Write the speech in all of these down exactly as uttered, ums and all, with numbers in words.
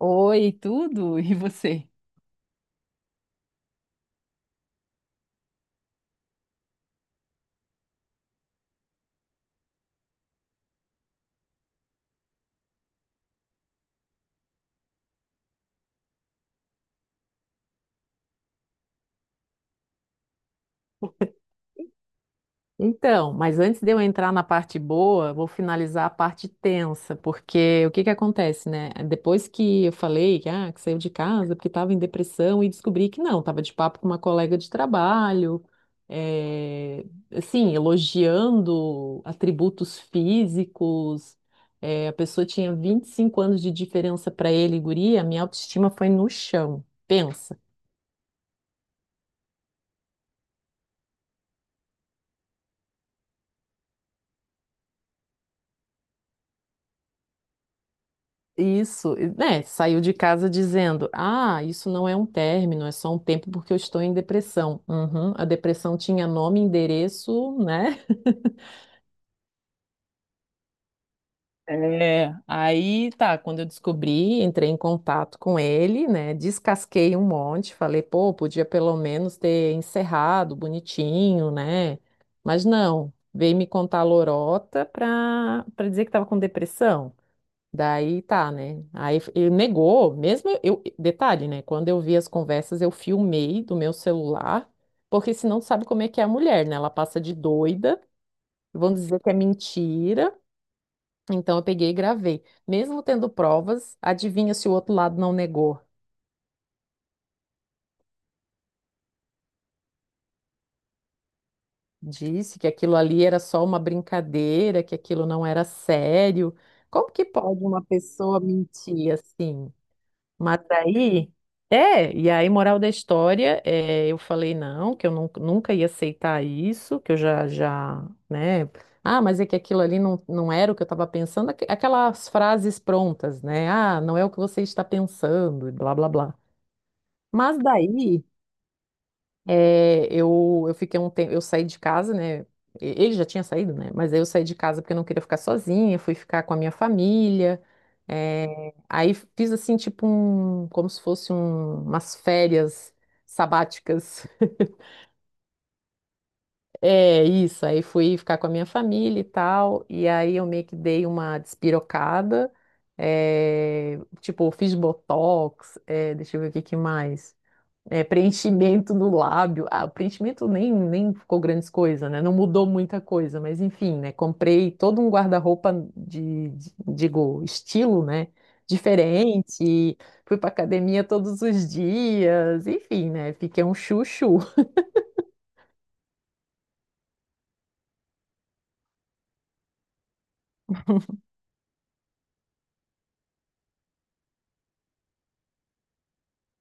Oi, tudo? E você? Então, mas antes de eu entrar na parte boa, vou finalizar a parte tensa, porque o que que acontece, né? Depois que eu falei que, ah, que saiu de casa porque estava em depressão e descobri que não, estava de papo com uma colega de trabalho, eh, assim, elogiando atributos físicos, eh, a pessoa tinha vinte e cinco anos de diferença para ele, e guria, minha autoestima foi no chão. Pensa. Isso, e, né? Saiu de casa dizendo: Ah, isso não é um término, é só um tempo porque eu estou em depressão. Uhum, a depressão tinha nome, endereço, né? É, aí tá, quando eu descobri, entrei em contato com ele, né? Descasquei um monte, falei, pô, podia pelo menos ter encerrado bonitinho, né? Mas não, veio me contar a lorota pra, pra dizer que estava com depressão. Daí tá, né? Aí f- ele negou, mesmo eu, eu- detalhe, né? Quando eu vi as conversas, eu filmei do meu celular, porque senão tu sabe como é que é a mulher, né? Ela passa de doida, vão dizer que é mentira. Então eu peguei e gravei. Mesmo tendo provas, adivinha se o outro lado não negou? Disse que aquilo ali era só uma brincadeira, que aquilo não era sério. Como que pode uma pessoa mentir assim? Mas aí, é, e aí, moral da história, é, eu falei não, que eu nunca, nunca ia aceitar isso, que eu já, já, né? Ah, mas é que aquilo ali não, não era o que eu estava pensando, aqu- aquelas frases prontas, né? Ah, não é o que você está pensando, e blá, blá, blá. Mas daí, é, eu, eu fiquei um tempo, eu saí de casa, né? E- Ele já tinha saído, né? Mas aí eu saí de casa porque eu não queria ficar sozinha, fui ficar com a minha família. É, aí fiz assim, tipo um, como se fosse um- umas férias sabáticas. É, isso, aí fui ficar com a minha família e tal, e aí eu meio que dei uma despirocada, é, tipo, fiz botox, é, deixa eu ver o que que mais é, preenchimento no lábio. Ah, o preenchimento nem, nem ficou grandes coisas, né? Não mudou muita coisa, mas enfim, né? Comprei todo um guarda-roupa de, de- digo, estilo, né? Diferente, fui pra academia todos os dias, enfim, né? Fiquei um chuchu.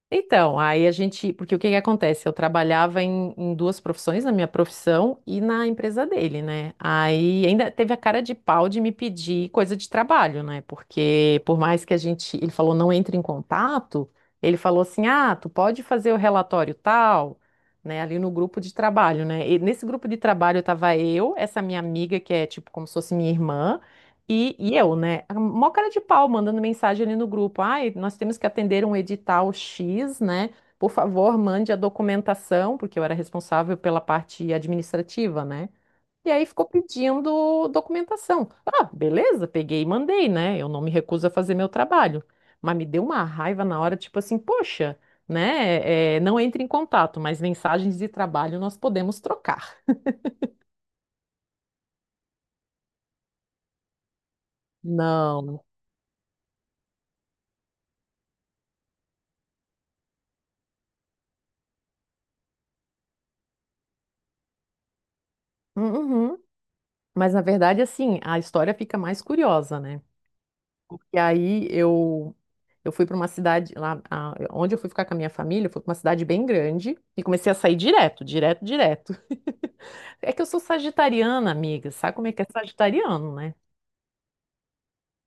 Então, aí a gente, porque o que que acontece? Eu trabalhava em, em duas profissões, na minha profissão e na empresa dele, né? Aí ainda teve a cara de pau de me pedir coisa de trabalho, né? Porque por mais que a gente, ele falou não entre em contato, ele falou assim: "Ah, tu pode fazer o relatório tal", né, ali no grupo de trabalho, né? E nesse grupo de trabalho tava eu, essa minha amiga que é tipo como se fosse minha irmã, e, e eu, né? A Mó cara de pau mandando mensagem ali no grupo. Ai, nós temos que atender um edital X, né? Por favor, mande a documentação, porque eu era responsável pela parte administrativa, né? E aí ficou pedindo documentação. Ah, beleza, peguei e mandei, né? Eu não me recuso a fazer meu trabalho. Mas me deu uma raiva na hora, tipo assim, poxa, né? É, não entre em contato, mas mensagens de trabalho nós podemos trocar. Não. Uhum. Mas na verdade, assim, a história fica mais curiosa, né? Porque aí eu eu fui para uma cidade lá, a- onde eu fui ficar com a minha família, foi para uma cidade bem grande e comecei a sair direto, direto, direto. É que eu sou sagitariana, amiga, sabe como é que é sagitariano, né?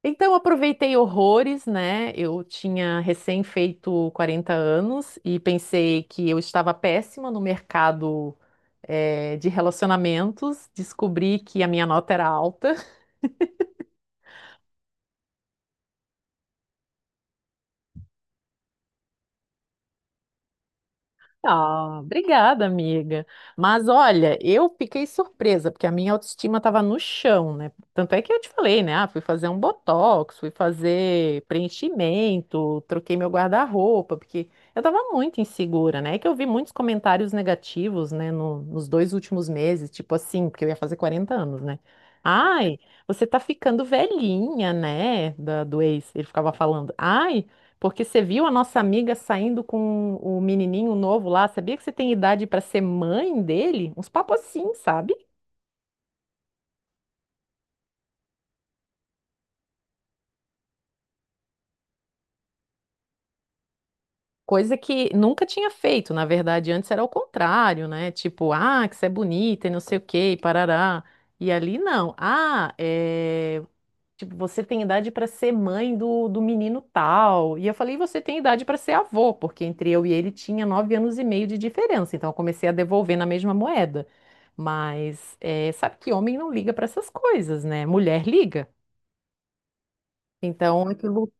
Então eu aproveitei horrores, né? Eu tinha recém feito quarenta anos e pensei que eu estava péssima no mercado eh, de relacionamentos, descobri que a minha nota era alta. Ah, obrigada, amiga. Mas olha, eu fiquei surpresa, porque a minha autoestima estava no chão, né? Tanto é que eu te falei, né? Ah, fui fazer um botox, fui fazer preenchimento, troquei meu guarda-roupa, porque eu estava muito insegura, né? É que eu vi muitos comentários negativos, né, no- nos dois últimos meses, tipo assim, porque eu ia fazer quarenta anos, né? Ai, você tá ficando velhinha, né? Da, do ex, ele ficava falando. Ai, porque você viu a nossa amiga saindo com o menininho novo lá? Sabia que você tem idade para ser mãe dele? Uns papos assim, sabe? Coisa que nunca tinha feito, na verdade, antes era o contrário, né? Tipo, ah, que você é bonita e não sei o quê, e parará. E ali não. Ah, é, tipo, você tem idade para ser mãe do, do menino tal. E eu falei, você tem idade para ser avô, porque entre eu e ele tinha nove anos e meio de diferença. Então eu comecei a devolver na mesma moeda. Mas é, sabe que homem não liga para essas coisas, né? Mulher liga. Então aquilo.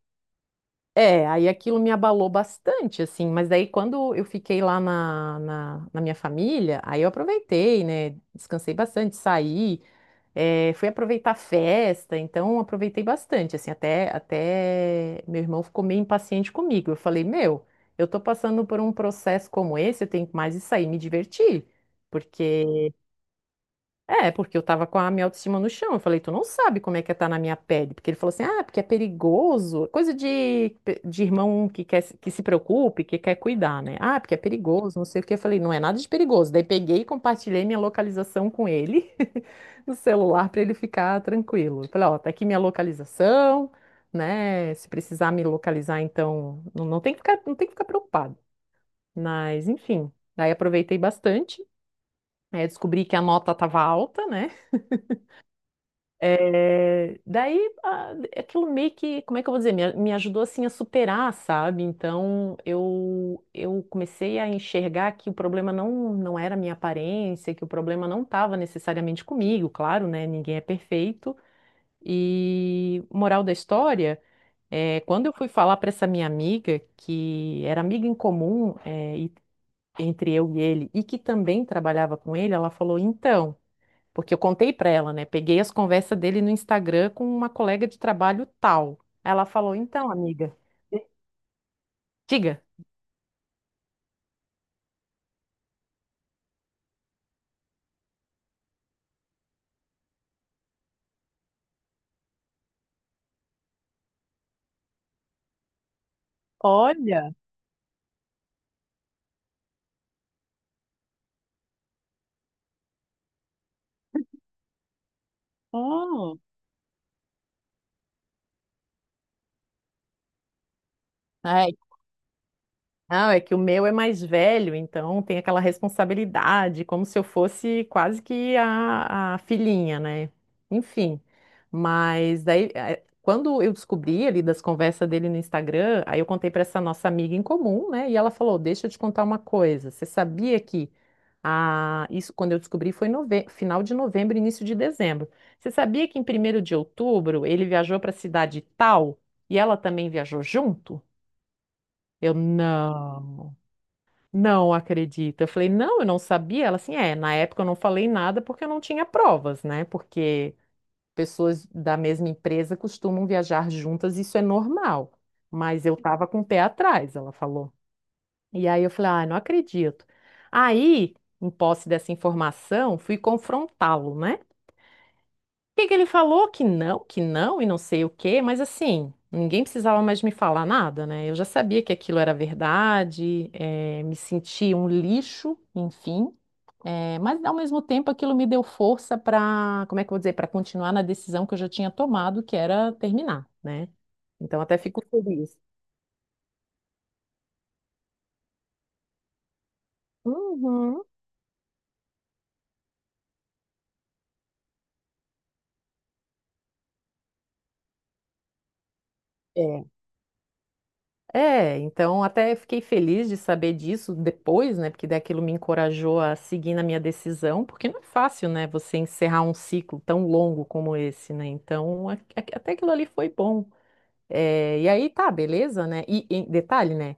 É, aí aquilo me abalou bastante, assim. Mas daí quando eu fiquei lá na, na, na minha família, aí eu aproveitei, né? Descansei bastante, saí. É, fui aproveitar a festa, então aproveitei bastante, assim, até, até meu irmão ficou meio impaciente comigo. Eu falei, meu, eu tô passando por um processo como esse, eu tenho mais isso aí, me divertir, porque é, porque eu tava com a minha autoestima no chão. Eu falei, tu não sabe como é que é tá na minha pele. Porque ele falou assim, ah, porque é perigoso. Coisa de, de irmão que quer, se- que se preocupe, que quer cuidar, né? Ah, porque é perigoso, não sei o quê. Eu falei, não é nada de perigoso. Daí peguei e compartilhei minha localização com ele no celular para ele ficar tranquilo. Eu falei, ó, tá aqui minha localização, né? Se precisar me localizar, então, não, não tem que ficar, não tem que ficar preocupado. Mas, enfim, daí aproveitei bastante. Aí eu descobri que a nota estava alta, né? É, daí, ah, aquilo meio que, como é que eu vou dizer, me, me ajudou assim a superar, sabe? Então, eu, eu comecei a enxergar que o problema não, não era a minha aparência, que o problema não estava necessariamente comigo, claro, né? Ninguém é perfeito. E, moral da história, é, quando eu fui falar para essa minha amiga, que era amiga em comum, é, e- entre eu e ele, e que também trabalhava com ele, ela falou, então. Porque eu contei pra ela, né? Peguei as conversas dele no Instagram com uma colega de trabalho tal. Ela falou: Então, amiga, diga. Olha, oh, não, é que o meu é mais velho, então tem aquela responsabilidade, como se eu fosse quase que a, a filhinha, né? Enfim, mas daí, eh, quando eu descobri ali das conversas dele no Instagram, aí eu contei para essa nossa amiga em comum, né? E ela falou: Deixa eu te contar uma coisa, você sabia que. Ah, isso quando eu descobri foi nove... final de novembro, início de dezembro. Você sabia que em primeiro de outubro ele viajou para a cidade tal e ela também viajou junto? Eu não. Não acredito. Eu falei, não, eu não sabia. Ela assim, é, na época eu não falei nada porque eu não tinha provas, né? Porque pessoas da mesma empresa costumam viajar juntas, isso é normal. Mas eu tava com o pé atrás, ela falou. E aí eu falei, ah, não acredito. Aí, em posse dessa informação, fui confrontá-lo, né? que que ele falou? Que não, que não, e não sei o quê, mas assim, ninguém precisava mais me falar nada, né? Eu já sabia que aquilo era verdade, eh, me senti um lixo, enfim, eh, mas ao mesmo tempo aquilo me deu força para, como é que eu vou dizer, para continuar na decisão que eu já tinha tomado, que era terminar, né? Então até fico feliz. Uhum. É. É, então até fiquei feliz de saber disso depois, né? Porque daquilo me encorajou a seguir na minha decisão, porque não é fácil, né? Você encerrar um ciclo tão longo como esse, né? Então, a- a- até aquilo ali foi bom. É, e aí tá, beleza, né? E, e detalhe, né?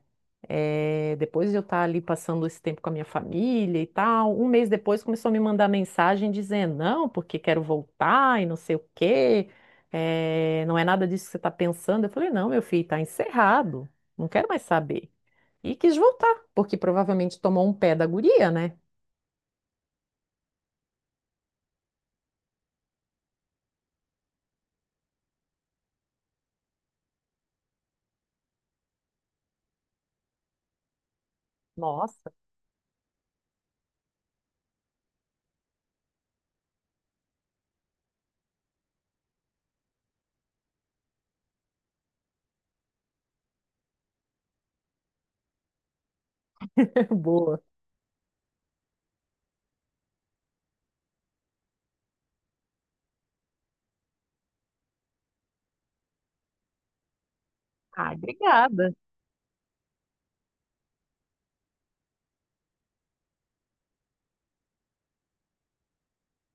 É, depois de eu estar ali passando esse tempo com a minha família e tal, um mês depois começou a me mandar mensagem dizendo, não, porque quero voltar e não sei o quê, é, não é nada disso que você está pensando. Eu falei, não, meu filho, tá encerrado, não quero mais saber. E quis voltar, porque provavelmente tomou um pé da guria, né? Nossa, boa. Ah, obrigada.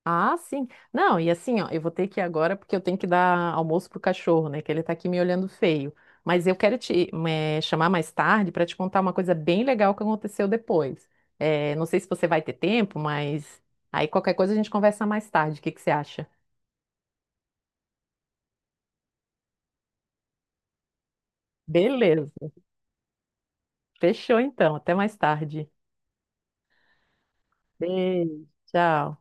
Ah, sim. Não, e assim, ó, eu vou ter que ir agora porque eu tenho que dar almoço pro cachorro, né? Que ele tá aqui me olhando feio. Mas eu quero te eh, chamar mais tarde para te contar uma coisa bem legal que aconteceu depois. Eh, não sei se você vai ter tempo, mas aí qualquer coisa a gente conversa mais tarde. O que que você acha? Beleza. Fechou então. Até mais tarde. Beijo. Tchau.